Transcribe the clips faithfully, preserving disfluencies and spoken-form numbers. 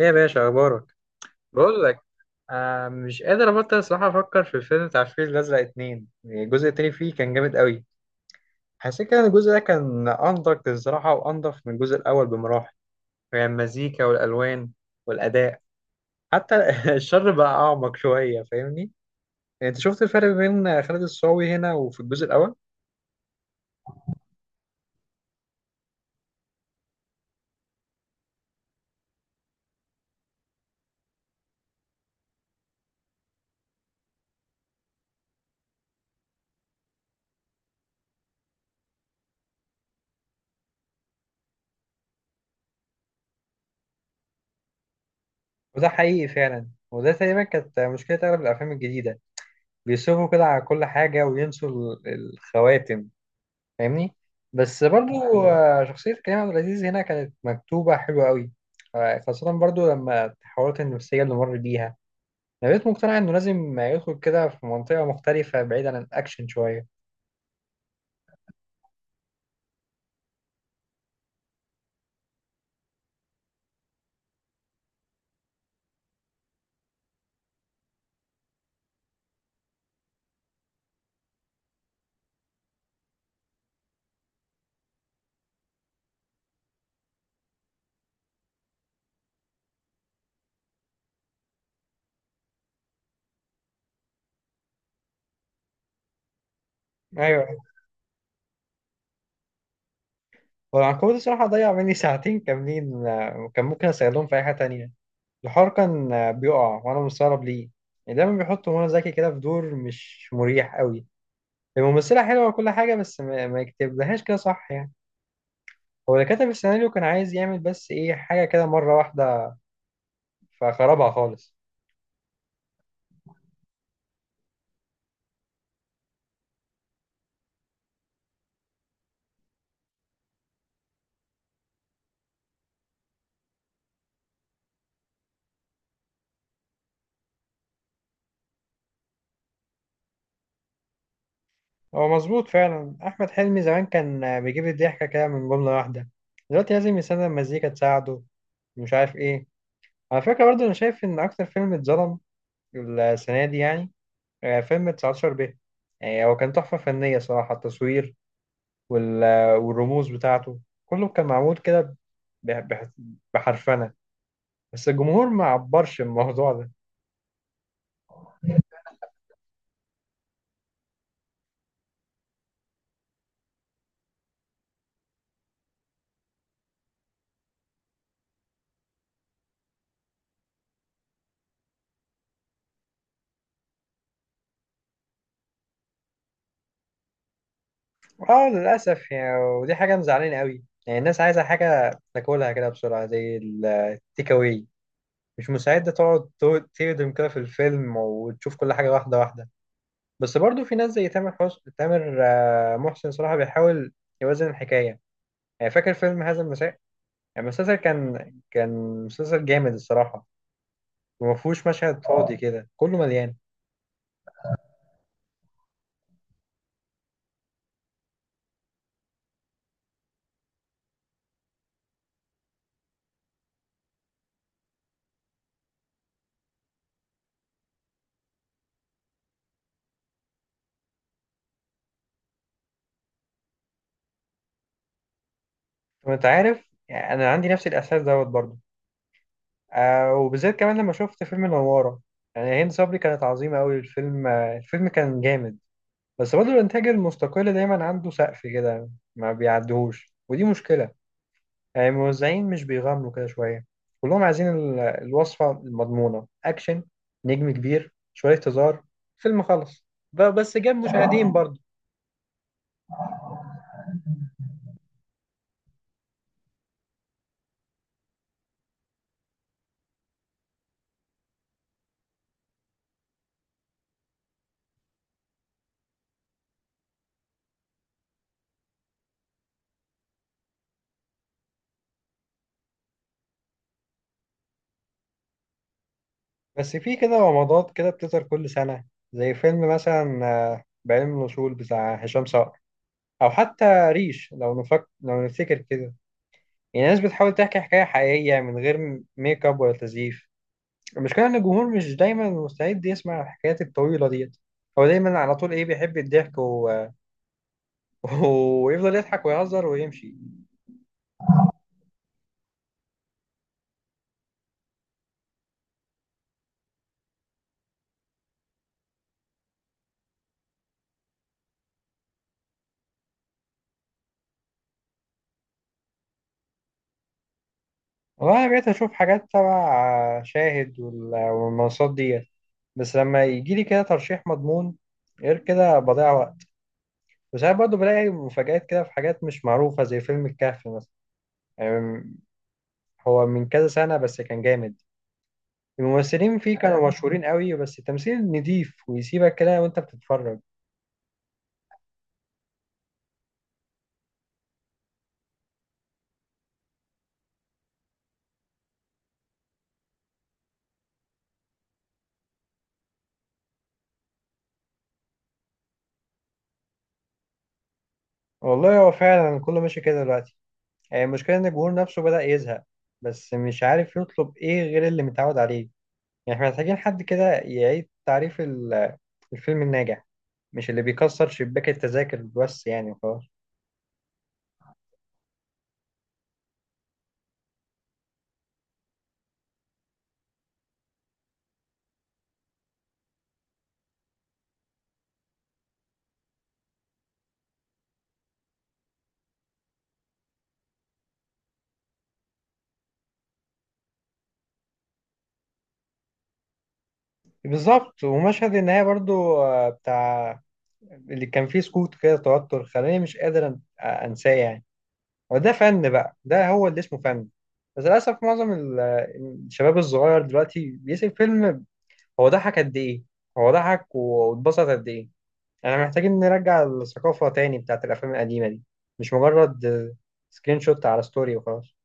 ايه يا باشا، اخبارك؟ بقول لك، آه مش قادر ابطل الصراحه، افكر في الفيلم بتاع الفيل الازرق اتنين. الجزء التاني فيه كان جامد قوي. حسيت كده ان الجزء ده كان انضف الصراحه، وانضف من الجزء الاول بمراحل. يعني المزيكا والالوان والاداء، حتى الشر بقى اعمق شويه. فاهمني؟ انت شفت الفرق بين خالد الصاوي هنا وفي الجزء الاول؟ وده حقيقي فعلا، وده تقريبا كانت مشكله اغلب الافلام الجديده، بيصرفوا كده على كل حاجه وينسوا ال- الخواتم. فاهمني؟ بس برضو آه، شخصية كريم عبد العزيز هنا كانت مكتوبة حلوة قوي. آه، خاصة برضو لما التحولات النفسية اللي مر بيها، أنا بقيت مقتنع إنه لازم يدخل كده في منطقة مختلفة بعيد عن الأكشن شوية. أيوة. والعنكبوت الصراحة ضيع مني ساعتين كاملين، آه، وكان ممكن أستغلهم في أي حاجة تانية. الحوار كان آه، بيقع وأنا مستغرب ليه. يعني دايما بيحط منى زكي كده في دور مش مريح قوي. الممثلة حلوة وكل حاجة، بس ما ما يكتبلهاش كده صح يعني. هو اللي كتب السيناريو كان عايز يعمل بس ايه حاجة كده مرة واحدة، فخربها خالص. هو مظبوط فعلا، أحمد حلمي زمان كان بيجيب الضحكة كده من جملة واحدة. دلوقتي لازم يستخدم مزيكا تساعده، مش عارف ايه. على فكرة برضه أنا شايف إن أكتر فيلم اتظلم السنة دي يعني آه، فيلم تسعة عشر ب. يعني هو كان تحفة فنية صراحة، التصوير وال- والرموز بتاعته، كله كان معمول كده بح- بح- بحرفنة. بس الجمهور ما عبرش الموضوع ده. اه، للأسف يعني، ودي حاجة مزعلانة قوي، يعني الناس عايزة حاجة تاكلها كده بسرعة زي التيك أواي، مش مستعدة تقعد تو- تهضم كده في الفيلم وتشوف كل حاجة واحدة واحدة. بس برضو في ناس زي تامر حسن تامر آه، محسن صراحة بيحاول يوازن الحكاية. يعني فاكر فيلم هذا المساء؟ يعني المسلسل كان كان مسلسل جامد الصراحة، وما فيهوش مشهد فاضي، كده كله مليان. وانت عارف يعني، أنا عندي نفس الإحساس دوت برضو آه وبالذات كمان لما شفت فيلم النوارة، يعني هند صبري كانت عظيمة أوي. الفيلم آه الفيلم كان جامد. بس برضه الإنتاج المستقل دايما عنده سقف كده، ما بيعدهوش، ودي مشكلة. يعني الموزعين مش بيغامروا كده شوية، كلهم عايزين ال- الوصفة المضمونة، أكشن، نجم كبير، شوية هزار، فيلم خلص، ب- بس جاب مشاهدين برضه. بس في كده رمضات كده بتظهر كل سنة، زي فيلم مثلا آه بعلم الوصول بتاع هشام صقر، او حتى ريش، لو نفكر لو نفتكر كده. يعني الناس بتحاول تحكي حكايه حقيقيه من غير م- ميك اب ولا تزييف. المشكله ان الجمهور مش دايما مستعد يسمع الحكايات الطويله ديت. هو دايما على طول ايه بيحب الضحك و... ويفضل يضحك ويهزر ويمشي. والله انا بقيت اشوف حاجات تبع شاهد وال- والمنصات ديت، بس لما يجي لي كده ترشيح مضمون، غير كده بضيع وقت. وساعات برضه بلاقي مفاجآت كده في حاجات مش معروفة، زي فيلم الكهف مثلا. يعني هو من كذا سنة بس كان جامد. الممثلين فيه كانوا آه. مشهورين قوي، بس التمثيل نضيف ويسيبك كده وانت بتتفرج. والله هو فعلا كله ماشي كده دلوقتي. يعني المشكلة ان الجمهور نفسه بدأ يزهق، بس مش عارف يطلب ايه غير اللي متعود عليه. يعني احنا محتاجين حد كده يعيد تعريف ال- الفيلم الناجح، مش اللي بيكسر شباك التذاكر بس يعني وخلاص. بالظبط. ومشهد النهاية برضو آه، بتاع اللي كان فيه سكوت كده، توتر خلاني مش قادر أن- آه، انساه يعني. وده فن بقى، ده هو اللي اسمه فن. بس للأسف معظم ال- الشباب الصغير دلوقتي بيسيب فيلم، هو ضحك قد إيه، هو ضحك واتبسط قد إيه. احنا محتاجين نرجع الثقافة تاني بتاعت الأفلام القديمة دي، مش مجرد سكرين شوت على ستوري وخلاص.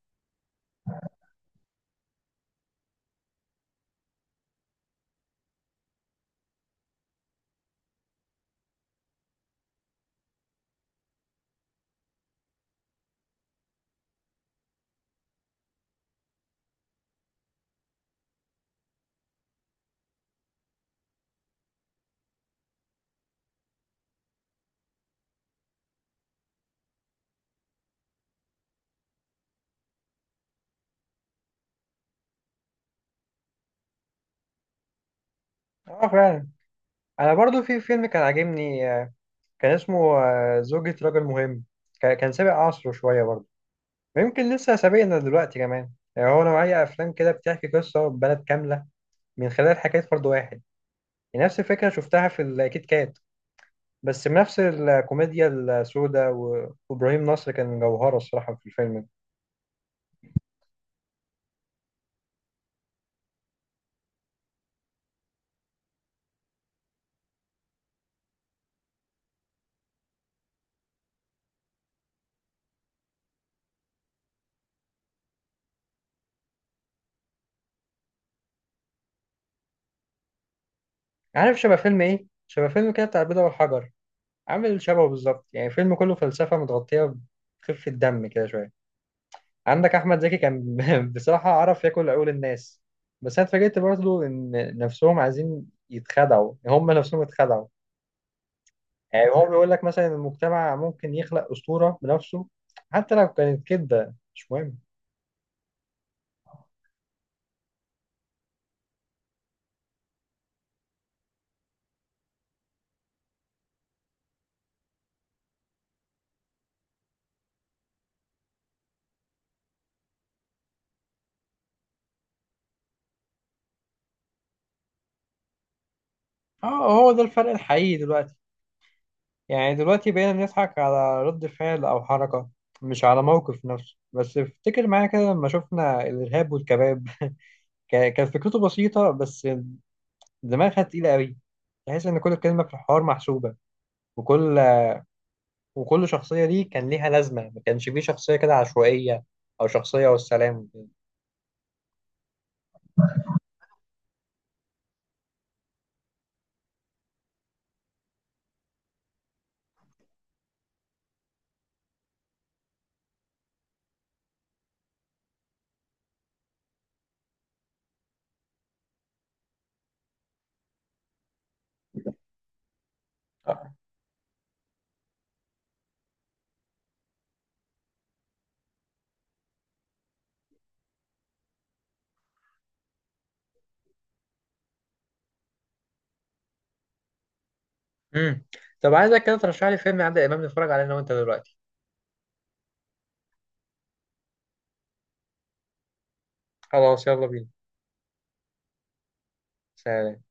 اه، فعلا. انا برضو في فيلم كان عاجبني آه، كان اسمه آه، زوجة رجل مهم. ك- كان سابق عصره شوية برضو، ويمكن لسه سابقنا دلوقتي كمان. يعني هو نوعية أفلام كده بتحكي قصة بلد كاملة من خلال حكاية فرد واحد. نفس الفكرة شفتها في الكيت كات، بس بنفس الكوميديا السوداء و- وإبراهيم نصر كان جوهرة الصراحة في الفيلم ده. عارف شبه فيلم إيه؟ شبه فيلم كده بتاع البيضة والحجر، عامل شبهه بالظبط. يعني فيلم كله فلسفة متغطية بخفة دم كده شوية. عندك أحمد زكي كان بصراحة عرف ياكل عقول الناس. بس أنا اتفاجئت برضه إن نفسهم عايزين يتخدعوا، هم نفسهم اتخدعوا. يعني هو بيقول لك مثلا المجتمع ممكن يخلق أسطورة بنفسه، حتى لو كانت كده مش مهم. اه، هو ده الفرق الحقيقي دلوقتي. يعني دلوقتي بقينا بنضحك على رد فعل أو حركة، مش على موقف نفسه. بس افتكر معايا كده لما شفنا الإرهاب والكباب، كا- كانت فكرته بسيطة بس دماغها تقيلة قوي. تحس إن كل كلمة في الحوار محسوبة، وكل وكل شخصية دي كان ليها لازمة، ما كانش فيه شخصية كده عشوائية أو شخصية والسلام وكده. آه. امم طب عايزك كده ترشح لي فيلم عادل إمام نتفرج عليه أنا وأنت دلوقتي. خلاص، يلا بينا. سلام.